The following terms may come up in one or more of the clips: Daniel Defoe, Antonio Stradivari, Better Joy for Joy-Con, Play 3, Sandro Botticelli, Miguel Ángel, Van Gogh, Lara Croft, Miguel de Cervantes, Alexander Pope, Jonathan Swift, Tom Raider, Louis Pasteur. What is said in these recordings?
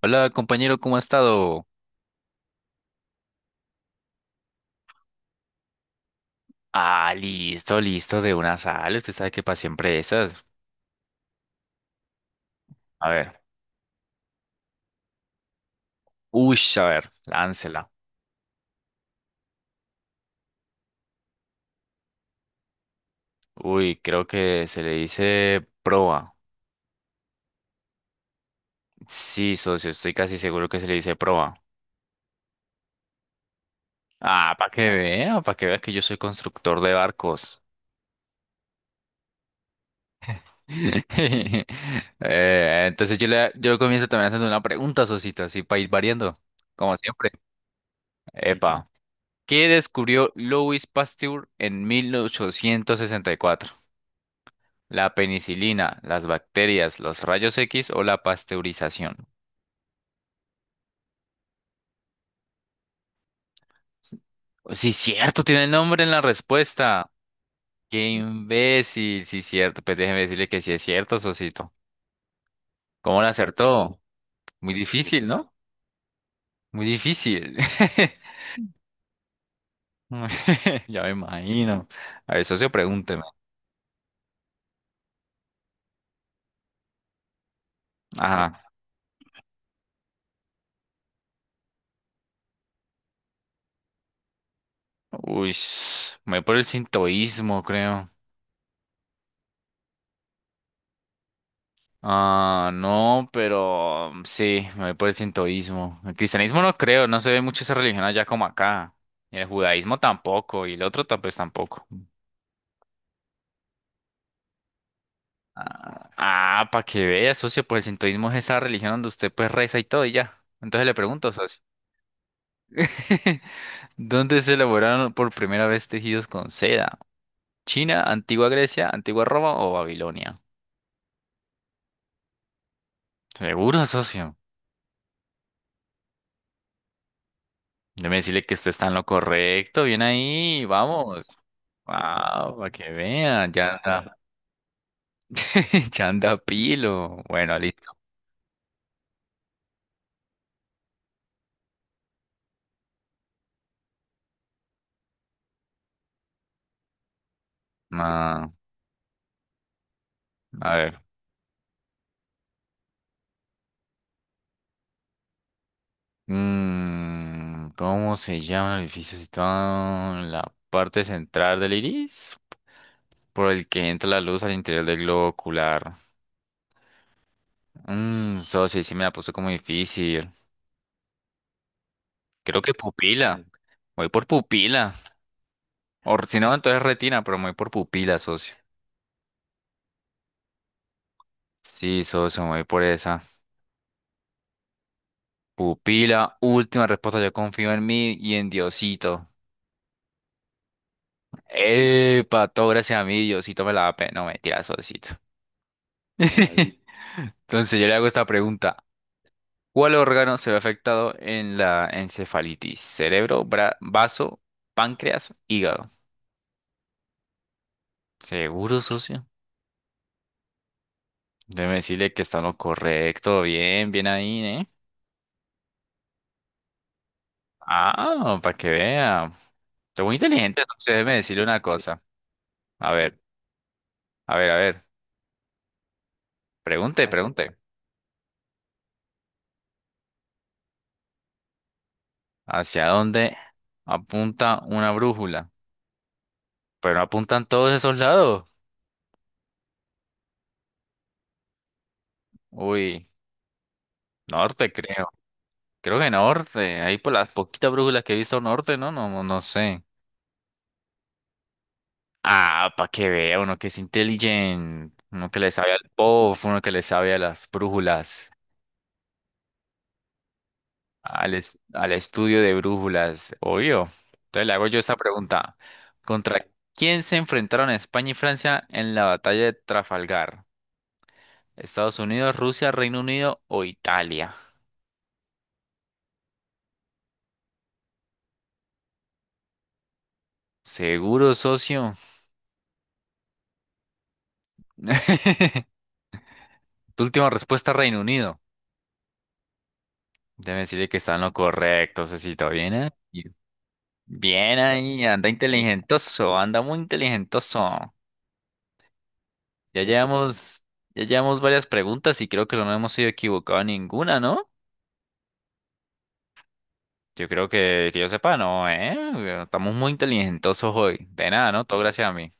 Hola compañero, ¿cómo ha estado? Ah, listo, listo de una sal. Usted sabe que para siempre esas. A ver. Uy, a ver, láncela. Uy, creo que se le dice proa. Sí, socio, estoy casi seguro que se le dice proa. Ah, para que vea que yo soy constructor de barcos. Entonces yo comienzo también haciendo una pregunta, socito, así para ir variando, como siempre. Epa. ¿Qué descubrió Louis Pasteur en 1864? La penicilina, las bacterias, los rayos X o la pasteurización. S- Sí, cierto, tiene el nombre en la respuesta. Qué imbécil, sí, cierto. Pues déjeme decirle que sí es cierto, Sosito. ¿Cómo lo acertó? Muy difícil, ¿no? Muy difícil. Ya me imagino. A ver, socio, pregúnteme. Ajá. Uy, me voy por el sintoísmo, creo. Ah, no, pero sí, me voy por el sintoísmo. El cristianismo no creo, no se ve mucho esa religión allá como acá. Y el judaísmo tampoco, y el otro pues tampoco. Ah, ah, para que vea, socio, pues el sintoísmo es esa religión donde usted pues reza y todo y ya. Entonces le pregunto, socio, ¿dónde se elaboraron por primera vez tejidos con seda? ¿China, antigua Grecia, antigua Roma o Babilonia? Seguro, socio. Déjeme decirle que usted está en lo correcto. Bien ahí, vamos. Wow, para que vean, ya anda, ya anda pilo. Bueno, listo. Ah, a ver. ¿Cómo se llama el edificio situado en la parte central del iris? Por el que entra la luz al interior del globo ocular. Socio, ahí sí me la puso como difícil. Creo que pupila. Voy por pupila. O si no, entonces retina, pero me voy por pupila, socio. Sí, socio, me voy por esa. Pupila, última respuesta, yo confío en mí y en Diosito. Epa, todo gracias a mí, Diosito me la da No, mentira, Diosito. Entonces yo le hago esta pregunta. ¿Cuál órgano se ve afectado en la encefalitis? ¿Cerebro, vaso, páncreas, hígado? Seguro, socio. Déjeme decirle que está en lo correcto. Bien, bien ahí, ¿eh? Ah, para que vea. Estoy muy inteligente, entonces déjeme decirle una cosa. A ver, a ver, a ver. Pregunte, pregunte. ¿Hacia dónde apunta una brújula? Pero no apuntan todos esos lados. Uy, norte creo. Creo que norte. Ahí por las poquitas brújulas que he visto norte, ¿no? No, no, no sé. Ah, para que vea uno que es inteligente. Uno que le sabe al POF, uno que le sabe a las brújulas. Al estudio de brújulas. Obvio. Entonces le hago yo esta pregunta. ¿Contra quién se enfrentaron España y Francia en la batalla de Trafalgar? Estados Unidos, Rusia, Reino Unido o Italia. Seguro, socio. Tu última respuesta, Reino Unido. Debe decirle que está en lo correcto, Cecito. Bien ahí. Bien ahí, anda inteligentoso, anda muy inteligentoso. Ya llevamos, ya llevamos varias preguntas y creo que no hemos sido equivocados en ninguna, ¿no? Yo creo que yo sepa, no, ¿eh? Estamos muy inteligentosos hoy. De nada, ¿no? Todo gracias a mí.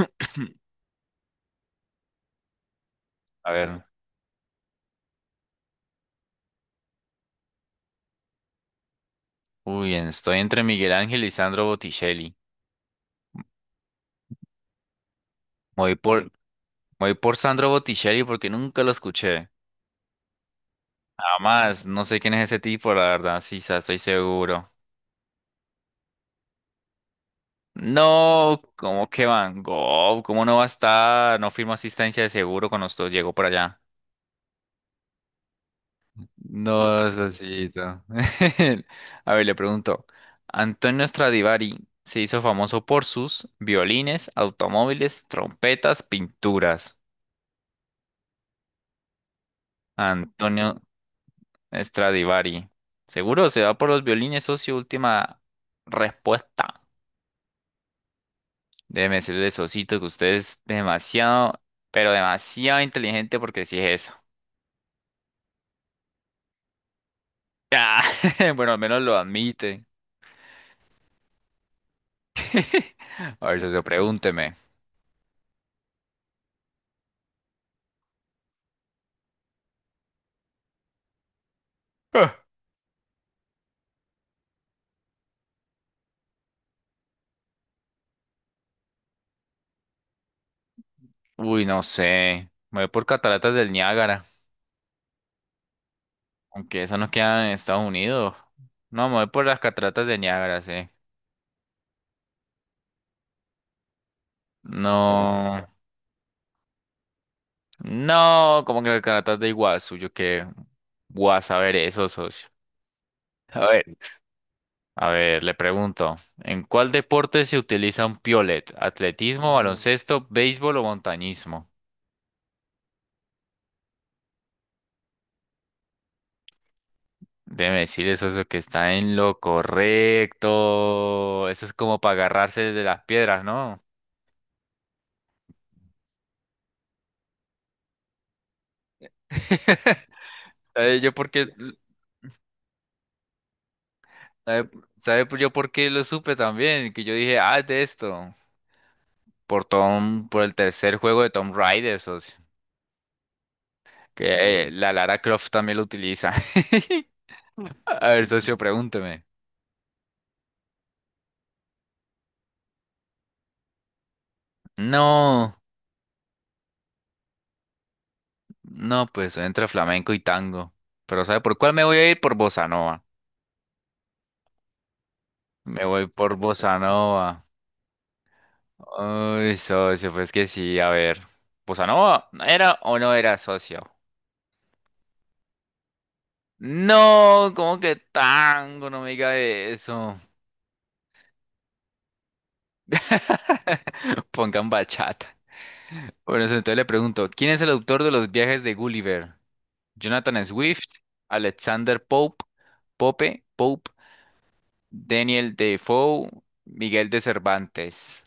A ver. Uy, estoy entre Miguel Ángel y Sandro Botticelli. Me Voy por Voy por Sandro Botticelli porque nunca lo escuché. Además, no sé quién es ese tipo, la verdad, sí, estoy seguro. No, ¿cómo que Van Gogh? ¿Cómo no va a estar? No firmó asistencia de seguro cuando usted llegó por allá. No, Sosito. A ver, le pregunto. Antonio Stradivari se hizo famoso por sus violines, automóviles, trompetas, pinturas. Antonio Stradivari. ¿Seguro se va por los violines, socio? Última respuesta. Déjeme decirle, Sosito, que usted es demasiado, pero demasiado inteligente porque sí es eso. Ah, bueno, al menos lo admite. A ver, socio, pregúnteme. Uy, no sé. Me voy por cataratas del Niágara, aunque eso no queda en Estados Unidos. No, me voy por las cataratas del Niágara, sí. No, no, como que las cataratas de Iguazú, yo qué voy a saber eso, socio. A ver. A ver, le pregunto, ¿en cuál deporte se utiliza un piolet? ¿Atletismo, baloncesto, béisbol o montañismo? Déjeme decirle eso que está en lo correcto. Eso es como para agarrarse de las piedras, ¿no? ¿Sabe yo por qué? ¿Sabe, sabe yo por qué lo supe también? Que yo dije, ah, es de esto. Por el tercer juego de Tom Raider, socio. Que la Lara Croft también lo utiliza. A ver, socio, pregúnteme. No. No, pues entre flamenco y tango. Pero ¿sabe por cuál me voy a ir? Por bossa nova. Me voy por bossa nova. Uy, socio, pues que sí, a ver. ¿Bossa nova era o no era socio? No, ¿cómo que tango? No me diga eso. Pongan bachata. Bueno, socio, entonces le pregunto, ¿quién es el autor de los viajes de Gulliver? Jonathan Swift, Alexander Pope, Daniel Defoe, Miguel de Cervantes.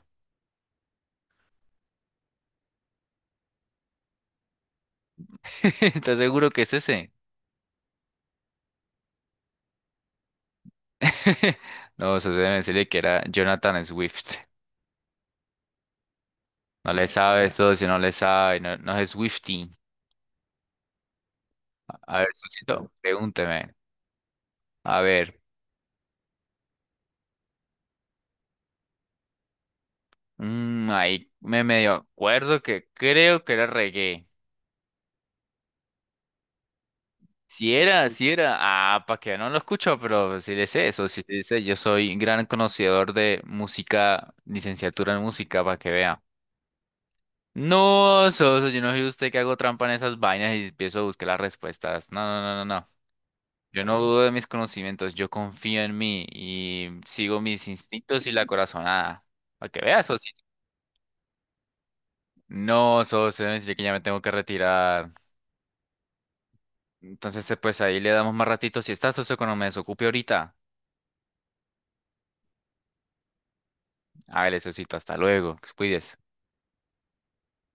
¿Estás seguro que es ese? No, eso debe decirle que era Jonathan Swift. No le sabe eso, si no le sabe, no, no es Swiftie. A ver, Sosito, pregúnteme. A ver, ahí me medio acuerdo que creo que era reggae. Si era, si era. Ah, para que no lo escucho, pero si le sé eso, si le sé, yo soy gran conocedor de música, licenciatura en música, para que vea. No, Soso, yo no soy usted que hago trampa en esas vainas y empiezo a buscar las respuestas. No, no, no, no, no. Yo no dudo de mis conocimientos, yo confío en mí y sigo mis instintos y la corazonada. Para que veas, socio. No, socio, yo que ya me tengo que retirar. Entonces, pues ahí le damos más ratito. Si está, socio, cuando me desocupe ahorita. Hágale, socito, hasta luego. Cuides.